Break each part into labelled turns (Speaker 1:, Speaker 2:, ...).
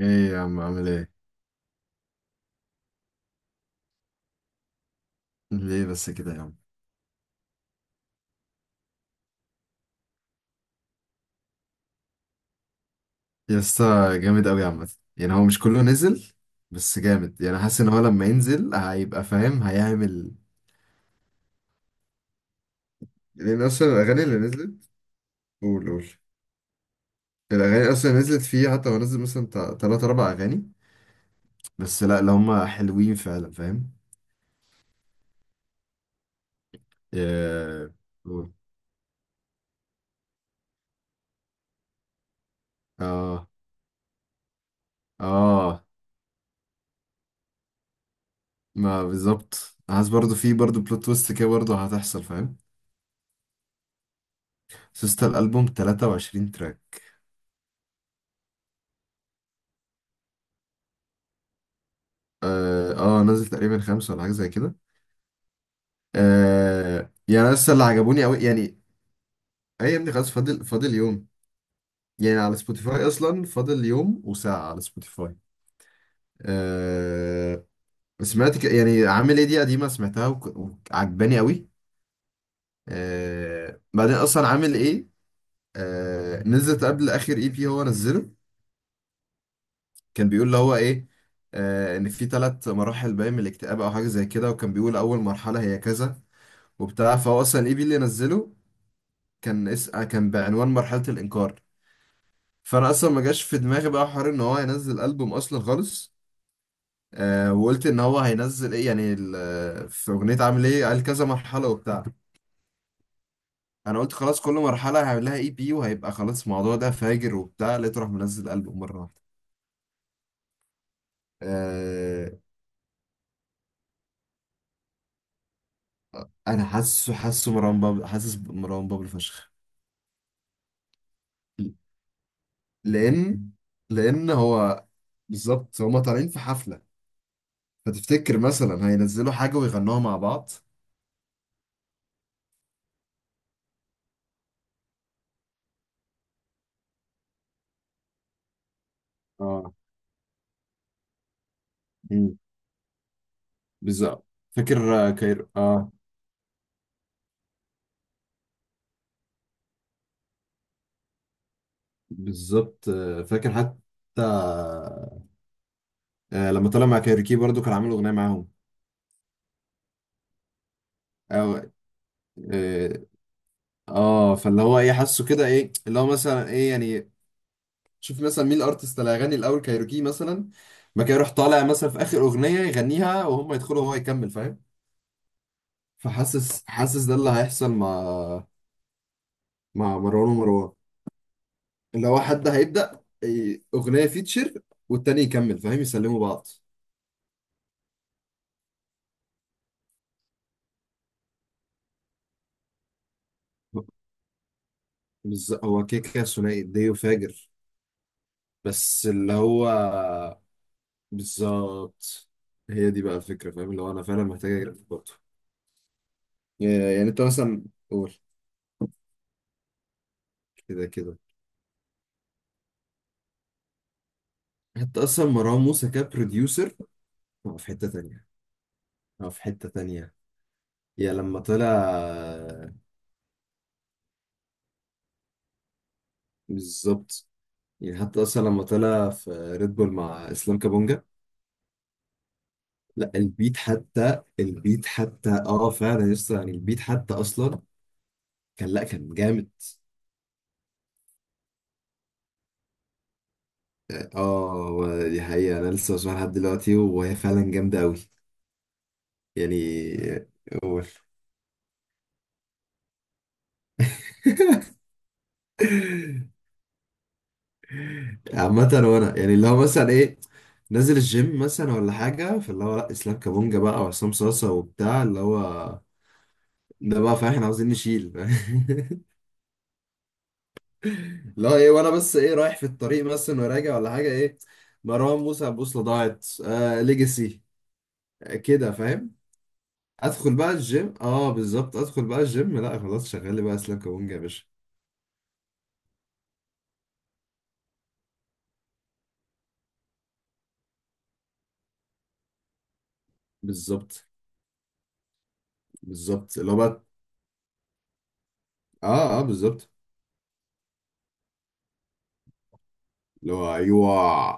Speaker 1: ايه يا عم، عامل ايه؟ ليه بس كده يا عم؟ يا اسطى جامد قوي عامه. يعني هو مش كله نزل بس جامد، يعني حاسس ان هو لما ينزل هيبقى فاهم هيعمل. لان اصلا الاغاني اللي نزلت... قول. الاغاني اصلا اللي نزلت فيه، حتى هو نزل مثلا بتاع تلات اربع اغاني بس، لا اللي هم حلوين فعلا، فاهم؟ يا- قول. اه، اه، ما بالظبط عايز برضو، في برضو بلوت تويست كده برضو هتحصل، فاهم؟ سوست الالبوم 23 تراك. اه، آه، نزل تقريبا خمسة ولا حاجة زي كده. آه، يعني أنا لسه اللي عجبوني قوي يعني. ايه يا ابني، خلاص فاضل فاضل يوم، يعني على سبوتيفاي اصلا فاضل يوم وساعة على سبوتيفاي. آه، سمعت يعني عامل ايه دي قديمة، سمعتها وعجباني قوي. آه، بعدين اصلا عامل ايه، آه، نزلت قبل اخر اي بي هو نزله. كان بيقول اللي هو ايه، آه، ان في ثلاث مراحل باين من الاكتئاب او حاجة زي كده، وكان بيقول اول مرحلة هي كذا وبتاع. فهو اصلا الاي بي اللي نزله كان آه، كان بعنوان مرحلة الانكار. فانا اصلا ما جاش في دماغي بقى حوار ان هو هينزل البوم اصلا خالص. آه، وقلت ان هو هينزل ايه، يعني في اغنيه عامل ايه قال كذا مرحله وبتاع، انا قلت خلاص كل مرحله هيعمل لها اي بي، وهيبقى خلاص الموضوع ده فاجر وبتاع، لقيته راح منزل البوم مره واحده. آه. انا حاسه مروان بابلو، حاسس مروان بابلو فشخ. لان لان هو بالظبط هما طالعين في حفله، فتفتكر مثلا هينزلوا حاجه ويغنوها مع بعض. اه. امم، بالظبط. فاكر آه، كايرو. اه، بالظبط. آه، فاكر حتى آه، لما طلع مع كايروكي برضو كان عامل اغنيه معاهم. او اه. آه، فاللي هو ايه، حاسه كده ايه اللي هو مثلا ايه يعني، شوف مثلا مين الارتست اللي هيغني الاول، كايروكي مثلا ما كان يروح طالع مثلا في اخر اغنيه يغنيها، وهم يدخلوا وهو يكمل، فاهم؟ فحاسس ده اللي هيحصل مع مروان، اللي هو حد هيبدا إيه، اغنيه فيتشر، والتاني يكمل، فاهم؟ يسلموا بعض. بالظبط. هو كيكه ثنائي ديو فاجر. بس اللي هو بالظبط، هي دي بقى الفكرة، فاهم؟ اللي هو أنا فعلا محتاج أجرب برضه. يعني أنت مثلا قول. كده كده. حتى أصلا مروان موسى كبروديوسر، هو في حتة تانية، هو في حتة تانية. يا لما طلع بالظبط، يعني حتى أصلا لما طلع في ريد بول مع إسلام كابونجا، لا البيت حتى، البيت حتى، اه فعلا لسه يعني البيت حتى أصلا كان، لا كان جامد. اه، هو دي حقيقة، أنا لسه بسمعها لحد دلوقتي وهي فعلا جامدة أوي. يعني قول. عامة، وانا يعني اللي هو مثلا ايه، نازل الجيم مثلا ولا حاجة، فاللي هو لا اسلام كابونجا بقى وعصام صاصة وبتاع، اللي هو ده بقى، فاهم؟ احنا عاوزين نشيل. اللي هو ايه، وانا بس ايه، رايح في الطريق مثلا وراجع ولا حاجة، ايه، مروان موسى، البوصلة ضاعت، آه، ليجاسي، آه، كده، فاهم؟ ادخل بقى الجيم. اه بالظبط. ادخل بقى الجيم، لا خلاص، شغال لي بقى اسلام كابونجا يا باشا. بالظبط بالظبط. اللي هو بقى اه، اه، بالظبط. اللي هو ايوه.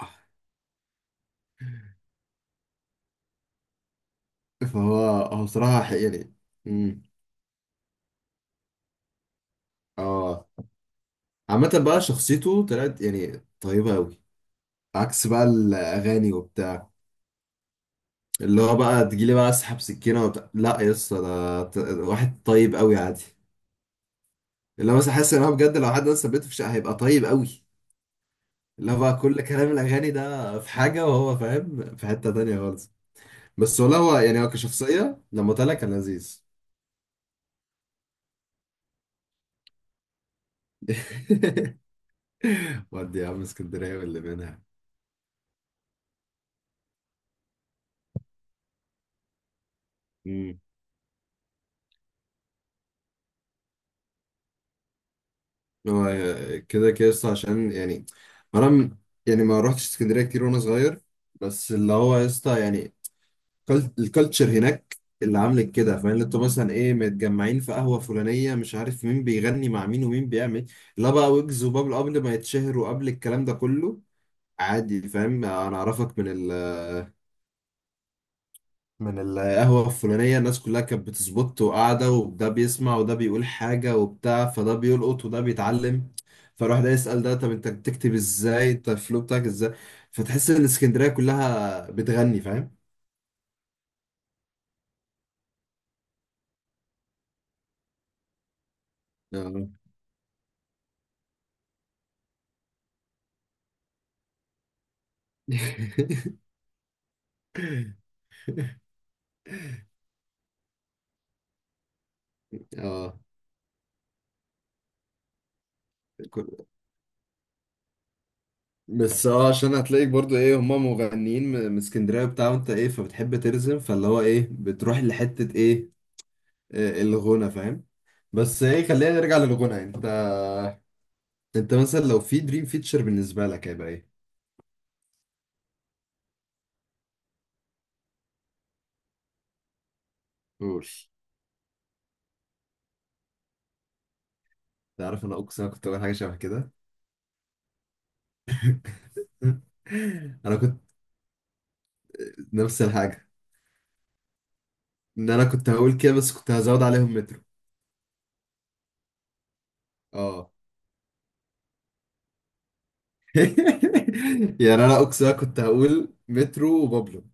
Speaker 1: فهو هو بصراحة يعني، امم، اه، عامة بقى شخصيته طلعت يعني طيبة أوي عكس بقى الأغاني وبتاع. اللي هو بقى تجيلي بقى أسحب سكينة وبتاع، لا يا اسطى ده واحد طيب أوي عادي. اللي هو مثلا حاسس إن هو بجد لو حد مثلا بيته في شقة هيبقى طيب أوي. اللي هو بقى كل كلام الأغاني ده في حاجة، وهو فاهم في حتة تانية خالص. بس والله هو يعني هو كشخصية لما طلع كان لذيذ. ودي يا عم اسكندرية، واللي منها. هو كده كده يسطا، عشان يعني ما انا م- يعني ما روحتش اسكندريه كتير وانا صغير، بس اللي هو يسطا يعني الكالتشر هناك اللي عامل كده، فاهم؟ اللي انتوا مثلا ايه متجمعين في قهوه فلانيه، مش عارف مين بيغني مع مين، ومين بيعمل لا بقى ويجز وبابل قبل ما يتشهروا قبل الكلام ده كله. عادي، فاهم؟ انا اعرفك من من القهوة الفلانية، الناس كلها كانت بتظبط وقاعدة، وده بيسمع وده بيقول حاجة وبتاع، فده بيلقط وده بيتعلم. فالواحد ده يسأل ده، طب انت بتكتب ازاي، انت الفلو بتاعك ازاي. فتحس ان اسكندرية كلها بتغني، فاهم؟ اه. اه. كل- بس اه عشان هتلاقيك برضو ايه، هما مغنيين من من اسكندرية وبتاع، وانت ايه فبتحب ترزم، فاللي هو ايه بتروح لحتة ايه، آه، الغنى، فاهم؟ بس ايه خلينا نرجع للغنى يعني. انت مثلا لو في دريم فيتشر بالنسبه لك هيبقى ايه؟ قول. تعرف انا اقسم انا كنت اقول حاجه شبه كده. انا كنت نفس الحاجه، ان انا كنت هقول كده، بس كنت هزود عليهم مترو. اه. يعني انا اقسم انا كنت هقول مترو وبابلو.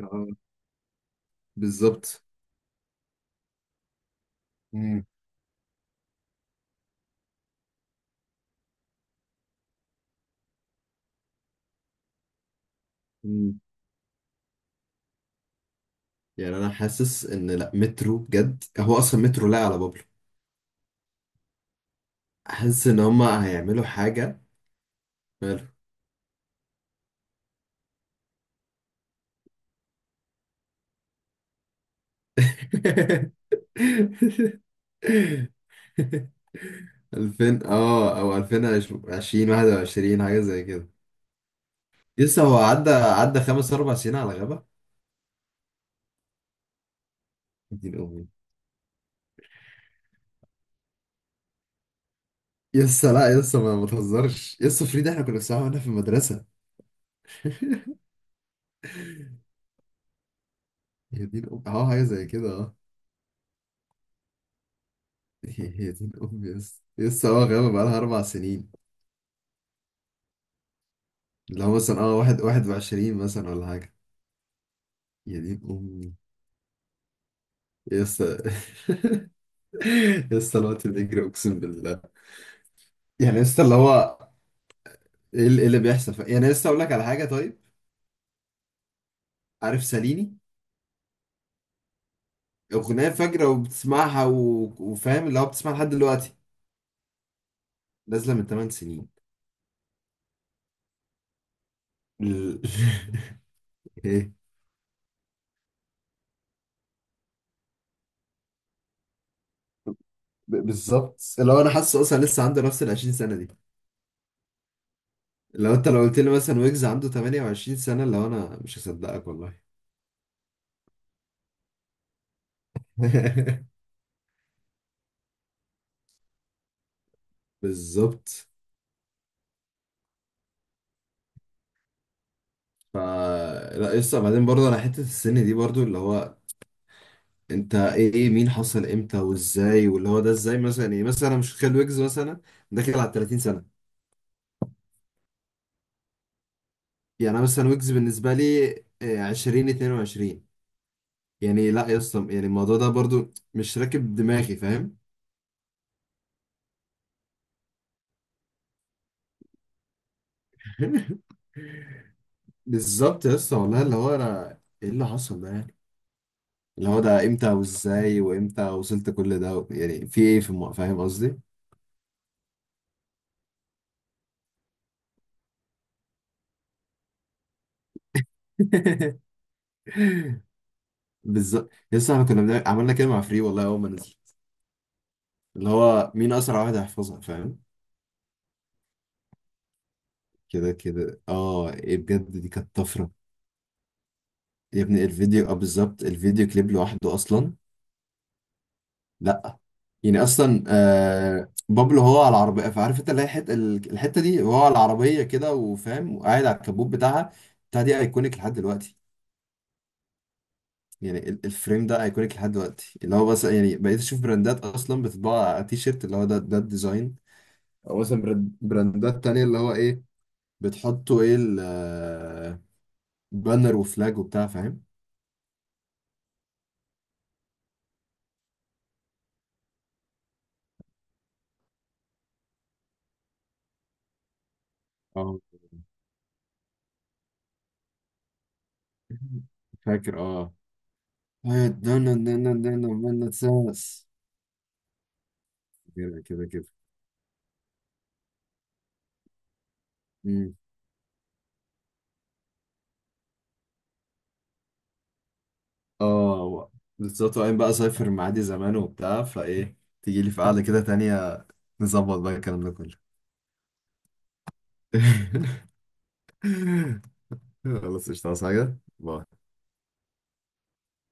Speaker 1: اه بالظبط. مم. مم. يعني انا حاسس ان لا مترو بجد، هو اصلا مترو لا على بابلو. حاسس ان هما هيعملوا حاجه. ماله. 2000 اه او 2020، 21 حاجه زي كده. لسه هو عدى عدى خمس اربع سنين على غابه. دين امي. لسه، لا لسه، ما تهزرش، لسه فريد احنا كنا بنسمعها واحنا في المدرسه. يا دين امي، اه حاجه زي كده، اه. يا دين امي، لسه لسه اه غابه بقالها اربع سنين. اللي هو مثلا اه، واحد واحد وعشرين مثلا ولا حاجه. يا دين امي، لسه لسه. الوقت بيجري اقسم بالله، يعني لسه اللي هو ايه اللي إيه اللي بيحصل؟ يعني لسه اقول لك على حاجه، طيب عارف ساليني؟ أغنية فجرة وبتسمعها و... وفاهم اللي هو بتسمعها لحد دلوقتي، نازلة من 8 سنين. ال- ايه. بالظبط. اللي هو انا حاسه اصلا لسه عنده نفس ال 20 سنة دي. لو انت لو قلت لي مثلا ويجز عنده 28 سنة، اللي هو انا مش هصدقك والله. بالظبط. ف، لا لسه بعدين برضه انا حتة السن دي برضه، اللي هو انت ايه، مين حصل امتى وازاي، واللي هو ده ازاي مثلا، ايه مثلا انا مش متخيل ويجز مثلا داخل على 30 سنة. يعني انا مثلا ويجز بالنسبة لي آه، عشرين اتنين وعشرين. يعني لا يا اسطى يعني الموضوع ده برضو مش راكب دماغي، فاهم؟ بالظبط يا اسطى والله اللي هو انا، ايه اللي حصل ده يعني، اللي هو ده امتى وازاي، وامتى وصلت كل ده يعني، في ايه في فاهم قصدي؟ بالظبط يا اسطى، احنا كنا عملنا كده مع فري والله اول ما نزلت، اللي هو مين اسرع واحد هيحفظها، فاهم؟ كده كده اه، ايه بجد دي كانت طفره. يا ابني الفيديو، اه بالظبط الفيديو كليب لوحده اصلا. لا يعني اصلا آه، بابلو هو على العربيه، فعارف انت اللي هي الحته، الحته دي هو على العربيه كده، وفاهم وقاعد على الكبوت بتاعها بتاع دي ايكونيك لحد دلوقتي. يعني الفريم ده ايكونيك لحد دلوقتي، اللي هو بس يعني بقيت اشوف براندات اصلا بتطبع على تي شيرت، اللي هو ده ده الديزاين. او مثلا براندات تانية، اللي هو ايه بتحطوا ايه، البانر وفلاج وبتاع، فاهم؟ اه فاكر اه. I don't know when it says. كده كده كده. اه بالظبط. وبعدين بقى اسافر معادي زمان وبتاع، فايه تيجي لي في قعده كده تانية نظبط بقى الكلام ده كله. خلاص قشطة، عايز حاجة؟ باي.